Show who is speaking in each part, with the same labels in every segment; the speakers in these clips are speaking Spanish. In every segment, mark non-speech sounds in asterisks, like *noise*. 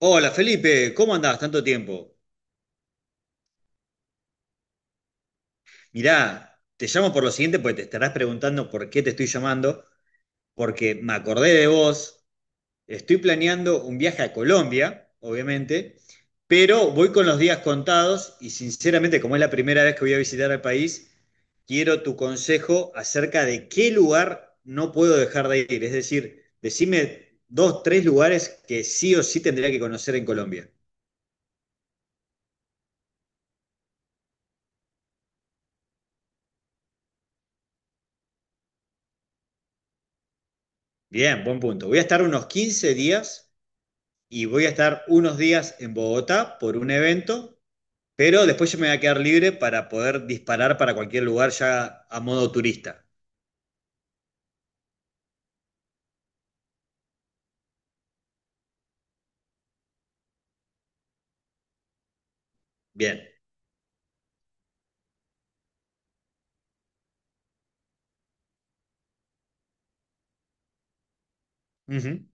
Speaker 1: Hola Felipe, ¿cómo andás? Tanto tiempo. Mirá, te llamo por lo siguiente porque te estarás preguntando por qué te estoy llamando, porque me acordé de vos, estoy planeando un viaje a Colombia, obviamente, pero voy con los días contados y sinceramente, como es la primera vez que voy a visitar el país, quiero tu consejo acerca de qué lugar no puedo dejar de ir. Es decir, decime dos, tres lugares que sí o sí tendría que conocer en Colombia. Bien, buen punto. Voy a estar unos 15 días y voy a estar unos días en Bogotá por un evento, pero después yo me voy a quedar libre para poder disparar para cualquier lugar ya a modo turista. Bien. Ujú.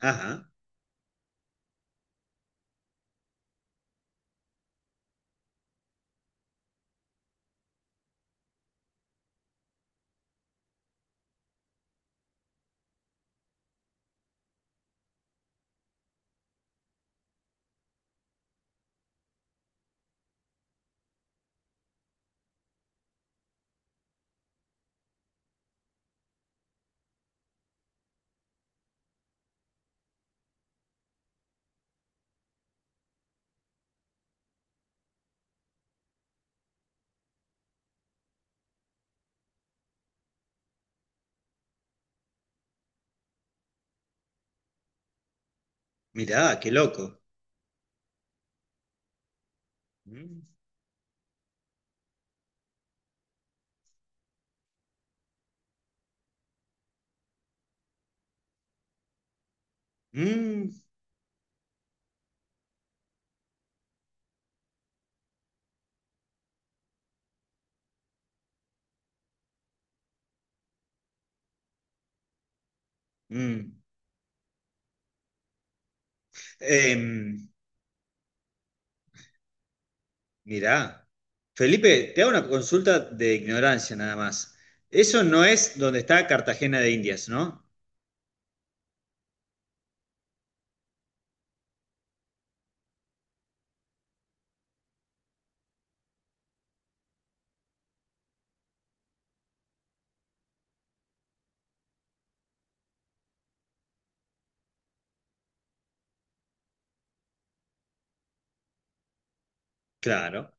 Speaker 1: Ajá. Mirá, qué loco. Mm, mm, mm. Em, mirá. Felipe, te hago una consulta de ignorancia nada más. Eso no es donde está Cartagena de Indias, ¿no? Claro.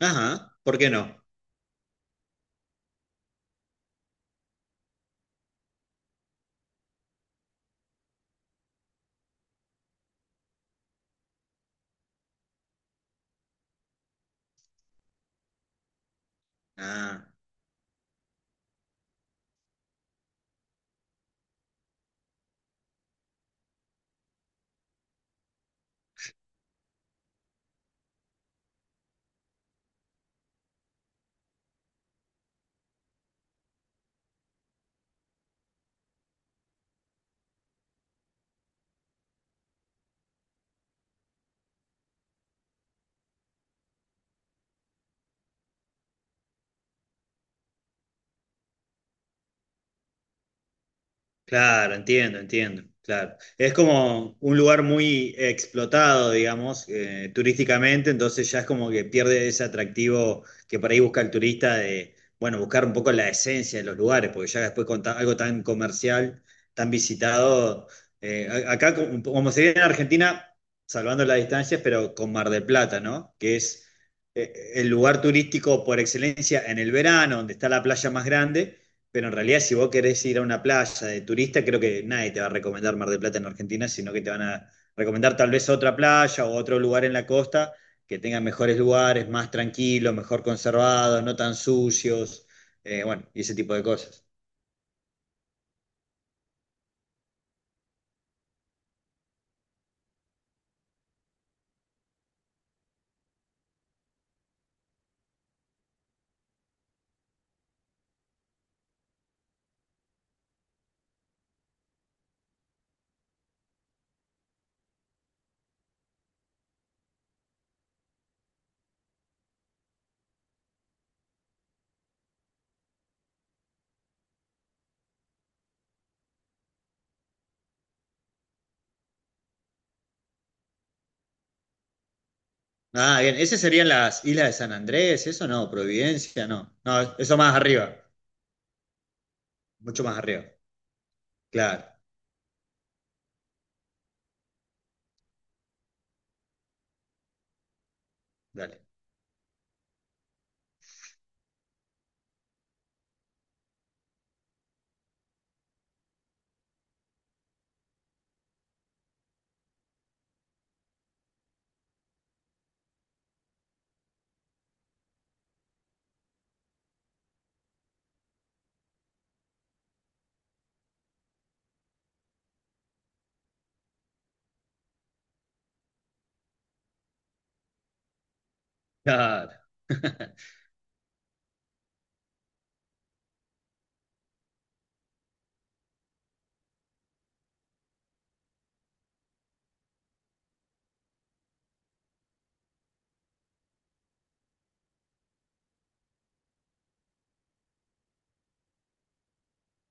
Speaker 1: Ajá. ¿Por qué no? Ah. Claro, entiendo, entiendo, claro. Es como un lugar muy explotado, digamos, turísticamente, entonces ya es como que pierde ese atractivo que por ahí busca el turista de, bueno, buscar un poco la esencia de los lugares, porque ya después con algo tan comercial, tan visitado, acá como, como se ve en Argentina, salvando las distancias, pero con Mar del Plata, ¿no? Que es el lugar turístico por excelencia en el verano, donde está la playa más grande, pero en realidad, si vos querés ir a una playa de turista, creo que nadie te va a recomendar Mar del Plata en Argentina, sino que te van a recomendar tal vez otra playa o otro lugar en la costa que tenga mejores lugares, más tranquilos, mejor conservados, no tan sucios, bueno, y ese tipo de cosas. Ah, bien, esas serían las islas de San Andrés, eso no, Providencia, no. No, eso más arriba, mucho más arriba. Claro, dale. Claro. *laughs*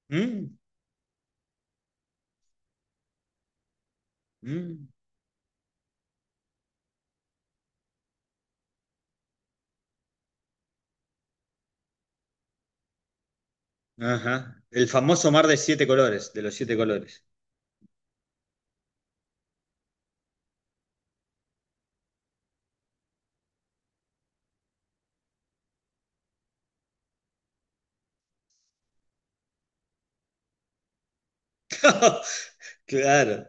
Speaker 1: Mm, mm, ajá. El famoso mar de siete colores, de los siete colores. *laughs* Claro.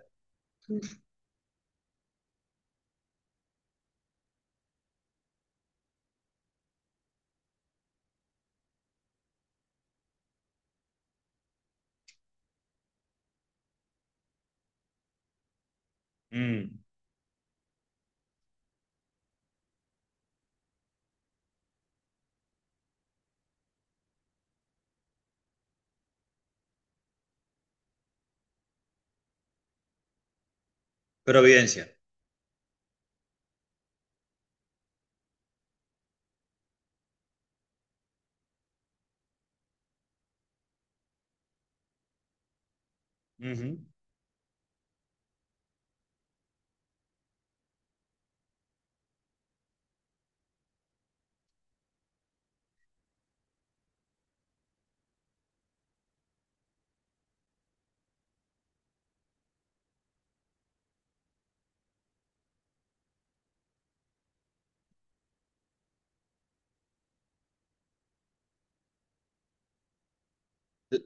Speaker 1: Mm, Providencia. Ujú.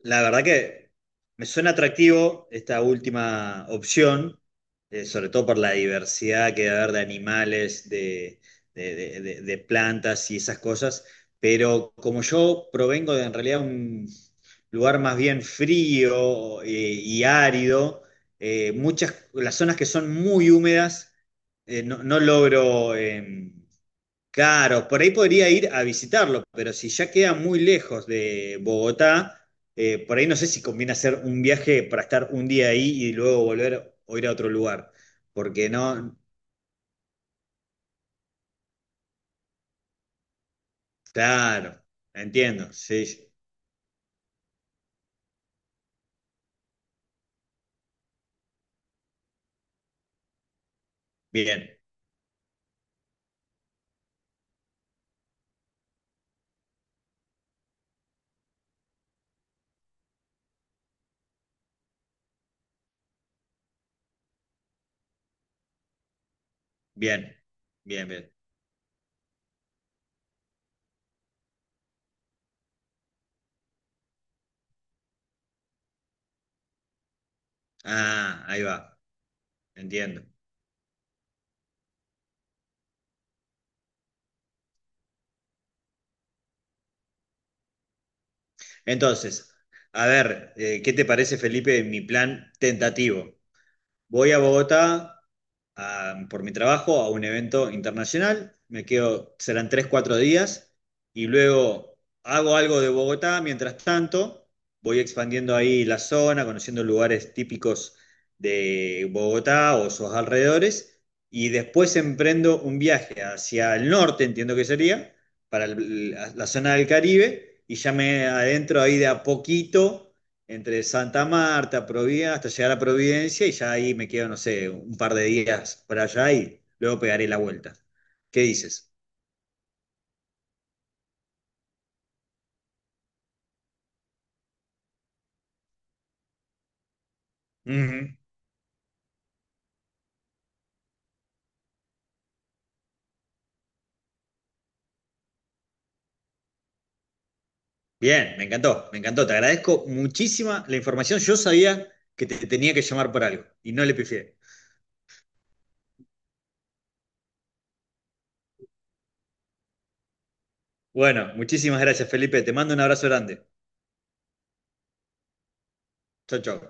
Speaker 1: La verdad que me suena atractivo esta última opción, sobre todo por la diversidad que va a haber de animales, de, de plantas y esas cosas, pero como yo provengo de en realidad un lugar más bien frío, y árido, muchas, las zonas que son muy húmedas, no, no logro. Claro, por ahí podría ir a visitarlo, pero si ya queda muy lejos de Bogotá, por ahí no sé si conviene hacer un viaje para estar un día ahí y luego volver o ir a otro lugar. Porque no, claro, entiendo, sí, sí. Bien, bien, bien, bien. Ah, ahí va, entiendo. Entonces, a ver, ¿qué te parece, Felipe, mi plan tentativo? Voy a Bogotá por mi trabajo a un evento internacional, me quedo, serán tres, cuatro días, y luego hago algo de Bogotá, mientras tanto voy expandiendo ahí la zona, conociendo lugares típicos de Bogotá o sus alrededores, y después emprendo un viaje hacia el norte, entiendo que sería, para la zona del Caribe, y ya me adentro ahí de a poquito entre Santa Marta, Providencia, hasta llegar a Providencia y ya ahí me quedo, no sé, un par de días por allá y luego pegaré la vuelta. ¿Qué dices? Ujú. Bien, me encantó, me encantó. Te agradezco muchísima la información. Yo sabía que te tenía que llamar por algo y no le pifié. Bueno, muchísimas gracias, Felipe. Te mando un abrazo grande. Chau, chau.